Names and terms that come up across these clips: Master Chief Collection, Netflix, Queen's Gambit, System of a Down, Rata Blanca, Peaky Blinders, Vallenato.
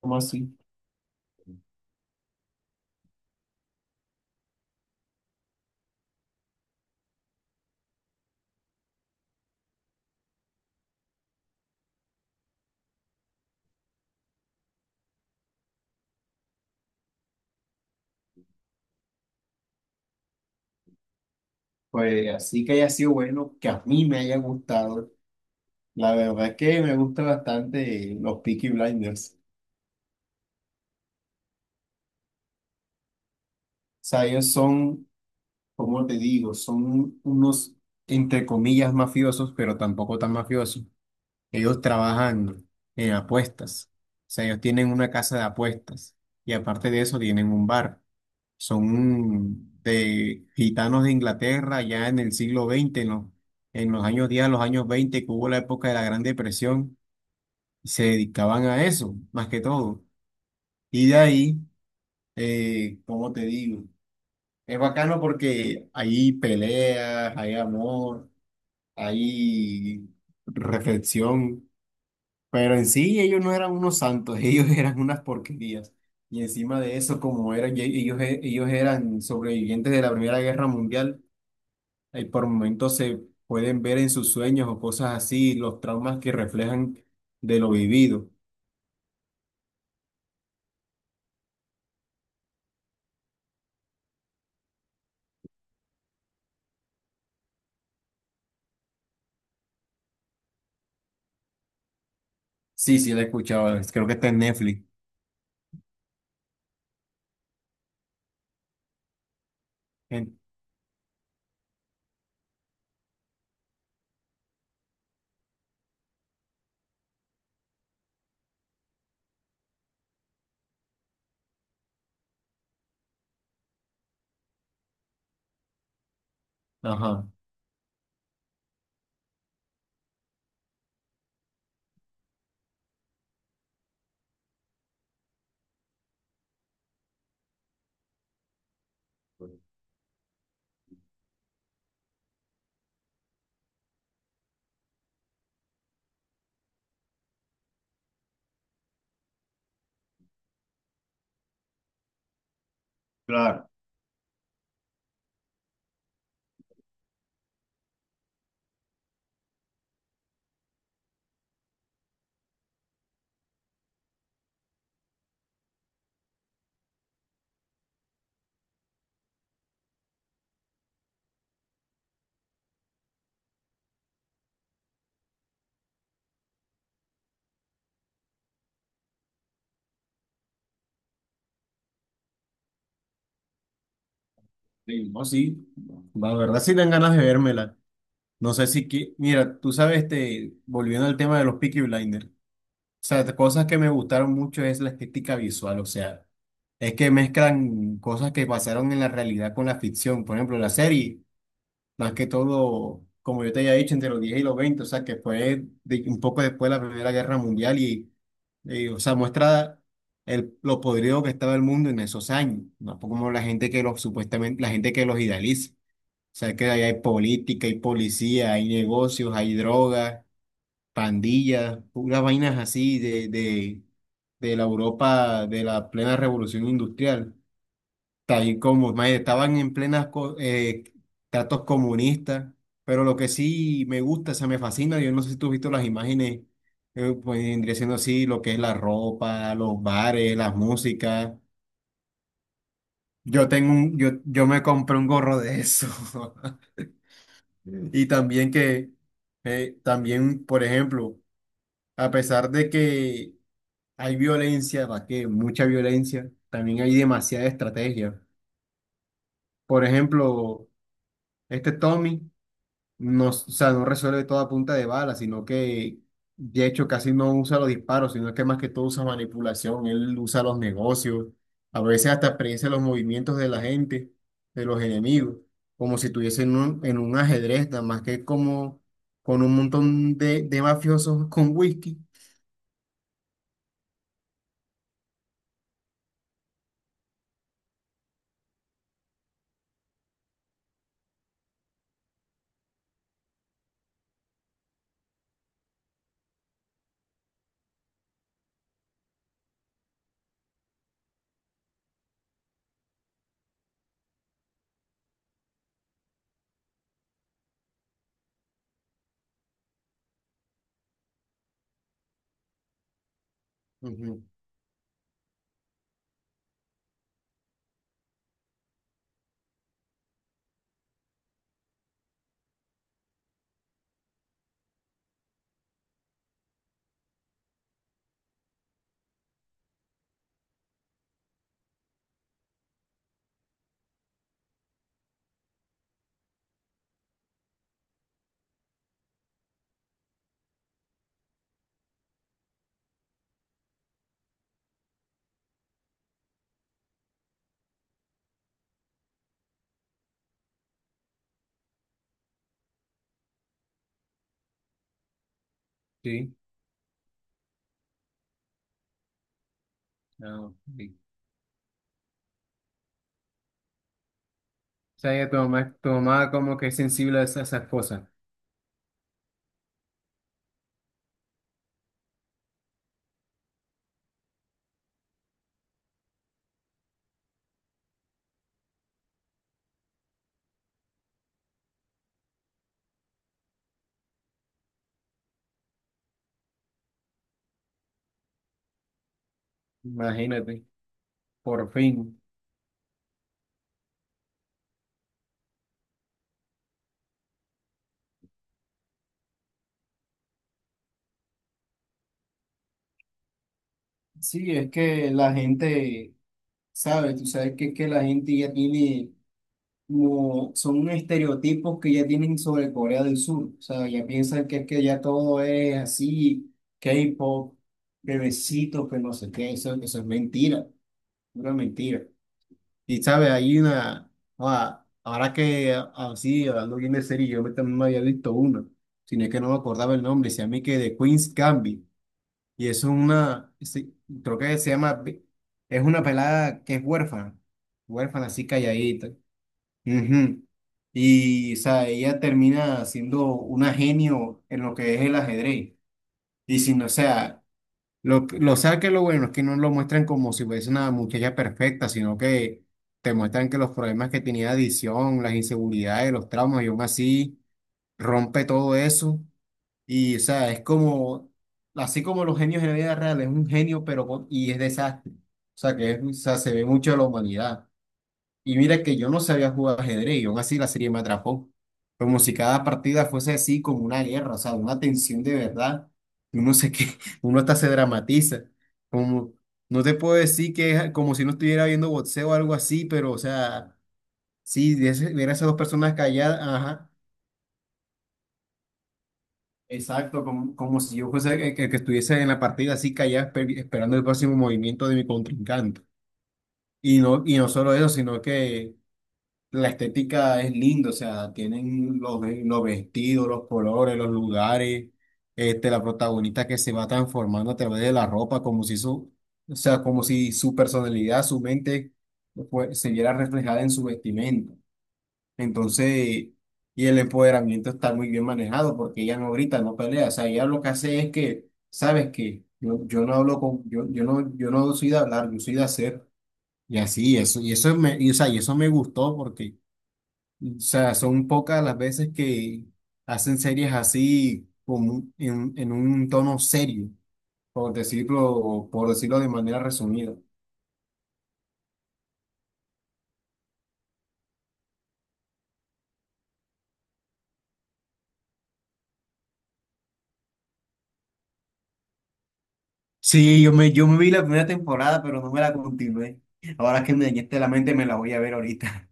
¿Cómo así? Pues así que haya sido bueno, que a mí me haya gustado. La verdad es que me gusta bastante los Peaky Blinders. O sea, ellos son, como te digo, son unos, entre comillas, mafiosos, pero tampoco tan mafiosos. Ellos trabajan en apuestas. O sea, ellos tienen una casa de apuestas y aparte de eso tienen un bar. Son de gitanos de Inglaterra ya en el siglo veinte, en los años 10, los años 20, que hubo la época de la Gran Depresión, y se dedicaban a eso, más que todo. Y de ahí, ¿cómo te digo? Es bacano porque hay peleas, hay amor, hay reflexión. Pero en sí ellos no eran unos santos, ellos eran unas porquerías. Y encima de eso, como eran, ellos eran sobrevivientes de la Primera Guerra Mundial, y por momentos se pueden ver en sus sueños o cosas así, los traumas que reflejan de lo vivido. Sí, sí, la he escuchado, creo que está en Netflix. En- ajá, claro. Sí, no, sí. La verdad sí dan ganas de vérmela. No sé si que, mira, tú sabes, este, volviendo al tema de los Peaky Blinders. Sea, de cosas que me gustaron mucho es la estética visual, o sea, es que mezclan cosas que pasaron en la realidad con la ficción. Por ejemplo, la serie, más que todo, como yo te había dicho, entre los 10 y los veinte, o sea, que fue un poco después de la Primera Guerra Mundial o sea, muestra lo podrido que estaba el mundo en esos años, no como la gente que los, supuestamente, la gente que los idealiza. O sea, que ahí hay política, hay policía, hay negocios, hay drogas, pandillas, puras vainas así de la Europa de la plena revolución industrial. Tal como mae, estaban en plenas tratos comunistas, pero lo que sí me gusta, o sea, me fascina, yo no sé si tú has visto las imágenes, pues vendría siendo así lo que es la ropa, los bares, las músicas. Yo me compré un gorro de eso. Y también que, también, por ejemplo, a pesar de que hay violencia, Raquel, mucha violencia. También hay demasiada estrategia. Por ejemplo, este Tommy no, o sea, no resuelve toda punta de bala, sino que de hecho casi no usa los disparos, sino que más que todo usa manipulación. Él usa los negocios, a veces hasta predice los movimientos de la gente, de los enemigos, como si estuviese en un ajedrez, nada más que como con un montón de mafiosos con whisky. Ujú. Sí. Ah, ok. O sea, que tu mamá como que es sensible a esas cosas. Imagínate, por fin. Sí, es que la gente, sabe, tú sabes que es que la gente ya tiene, como, son unos estereotipos que ya tienen sobre Corea del Sur. O sea, ya piensan que es que ya todo es así, K-pop, bebecitos, que no sé qué, eso es mentira, pura mentira. Y sabe, hay una, ahora que así, hablando bien de serie, yo me también me había visto una, sino que no me acordaba el nombre, se llama y que de Queen's Gambit, y es una, sí, creo que se llama, es una pelada que es huérfana, huérfana así calladita, ujú. Y, o sea, ella termina siendo una genio en lo que es el ajedrez, y si no, o sea, lo, lo sabes que lo bueno es que no lo muestran como si fuese una muchacha perfecta, sino que te muestran que los problemas que tenía de adicción, las inseguridades, los traumas, y aún así rompe todo eso. Y, o sea, es como, así como los genios en la vida real, es un genio, y es desastre. O sea, se ve mucho de la humanidad. Y mira que yo no sabía jugar ajedrez y aún así la serie me atrapó. Como si cada partida fuese así como una guerra, o sea, una tensión de verdad. Y Uno se que uno hasta se dramatiza. Como, no te puedo decir que es como si no estuviera viendo boxeo o algo así, pero o sea, sí, ver a esas dos personas calladas, ajá, exacto, como si yo fuese el que estuviese en la partida así callada esperando el próximo movimiento de mi contrincante. Y no solo eso, sino que la estética es linda, o sea, tienen los vestidos, los colores, los lugares, este, la protagonista que se va transformando a través de la ropa, como si su, o sea, como si su personalidad, su mente, pues, se viera reflejada en su vestimenta. Entonces, y el empoderamiento está muy bien manejado porque ella no grita, no pelea, o sea, ella lo que hace es que, ¿sabes qué? Yo no hablo con, yo no soy de hablar, yo soy de hacer. Y así, eso, o sea, y eso me gustó porque o sea, son pocas las veces que hacen series así en un tono serio, por decirlo de manera resumida. Sí, yo me vi la primera temporada, pero no me la continué. Ahora que me dañaste la mente, me la voy a ver ahorita.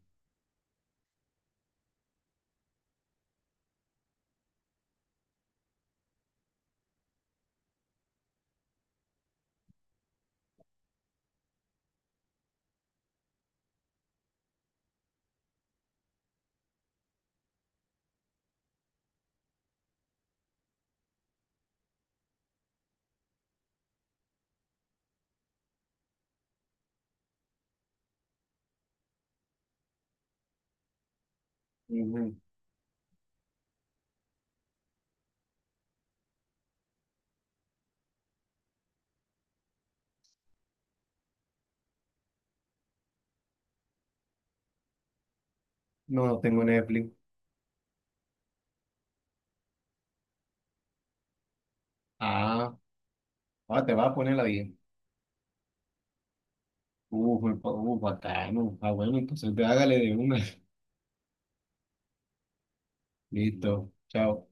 Ujú. No, no tengo Netflix. Ah, ahora te vas a poner la bien. Uf, bacano. Ah, bueno, entonces ve, hágale de una. Listo. Chao.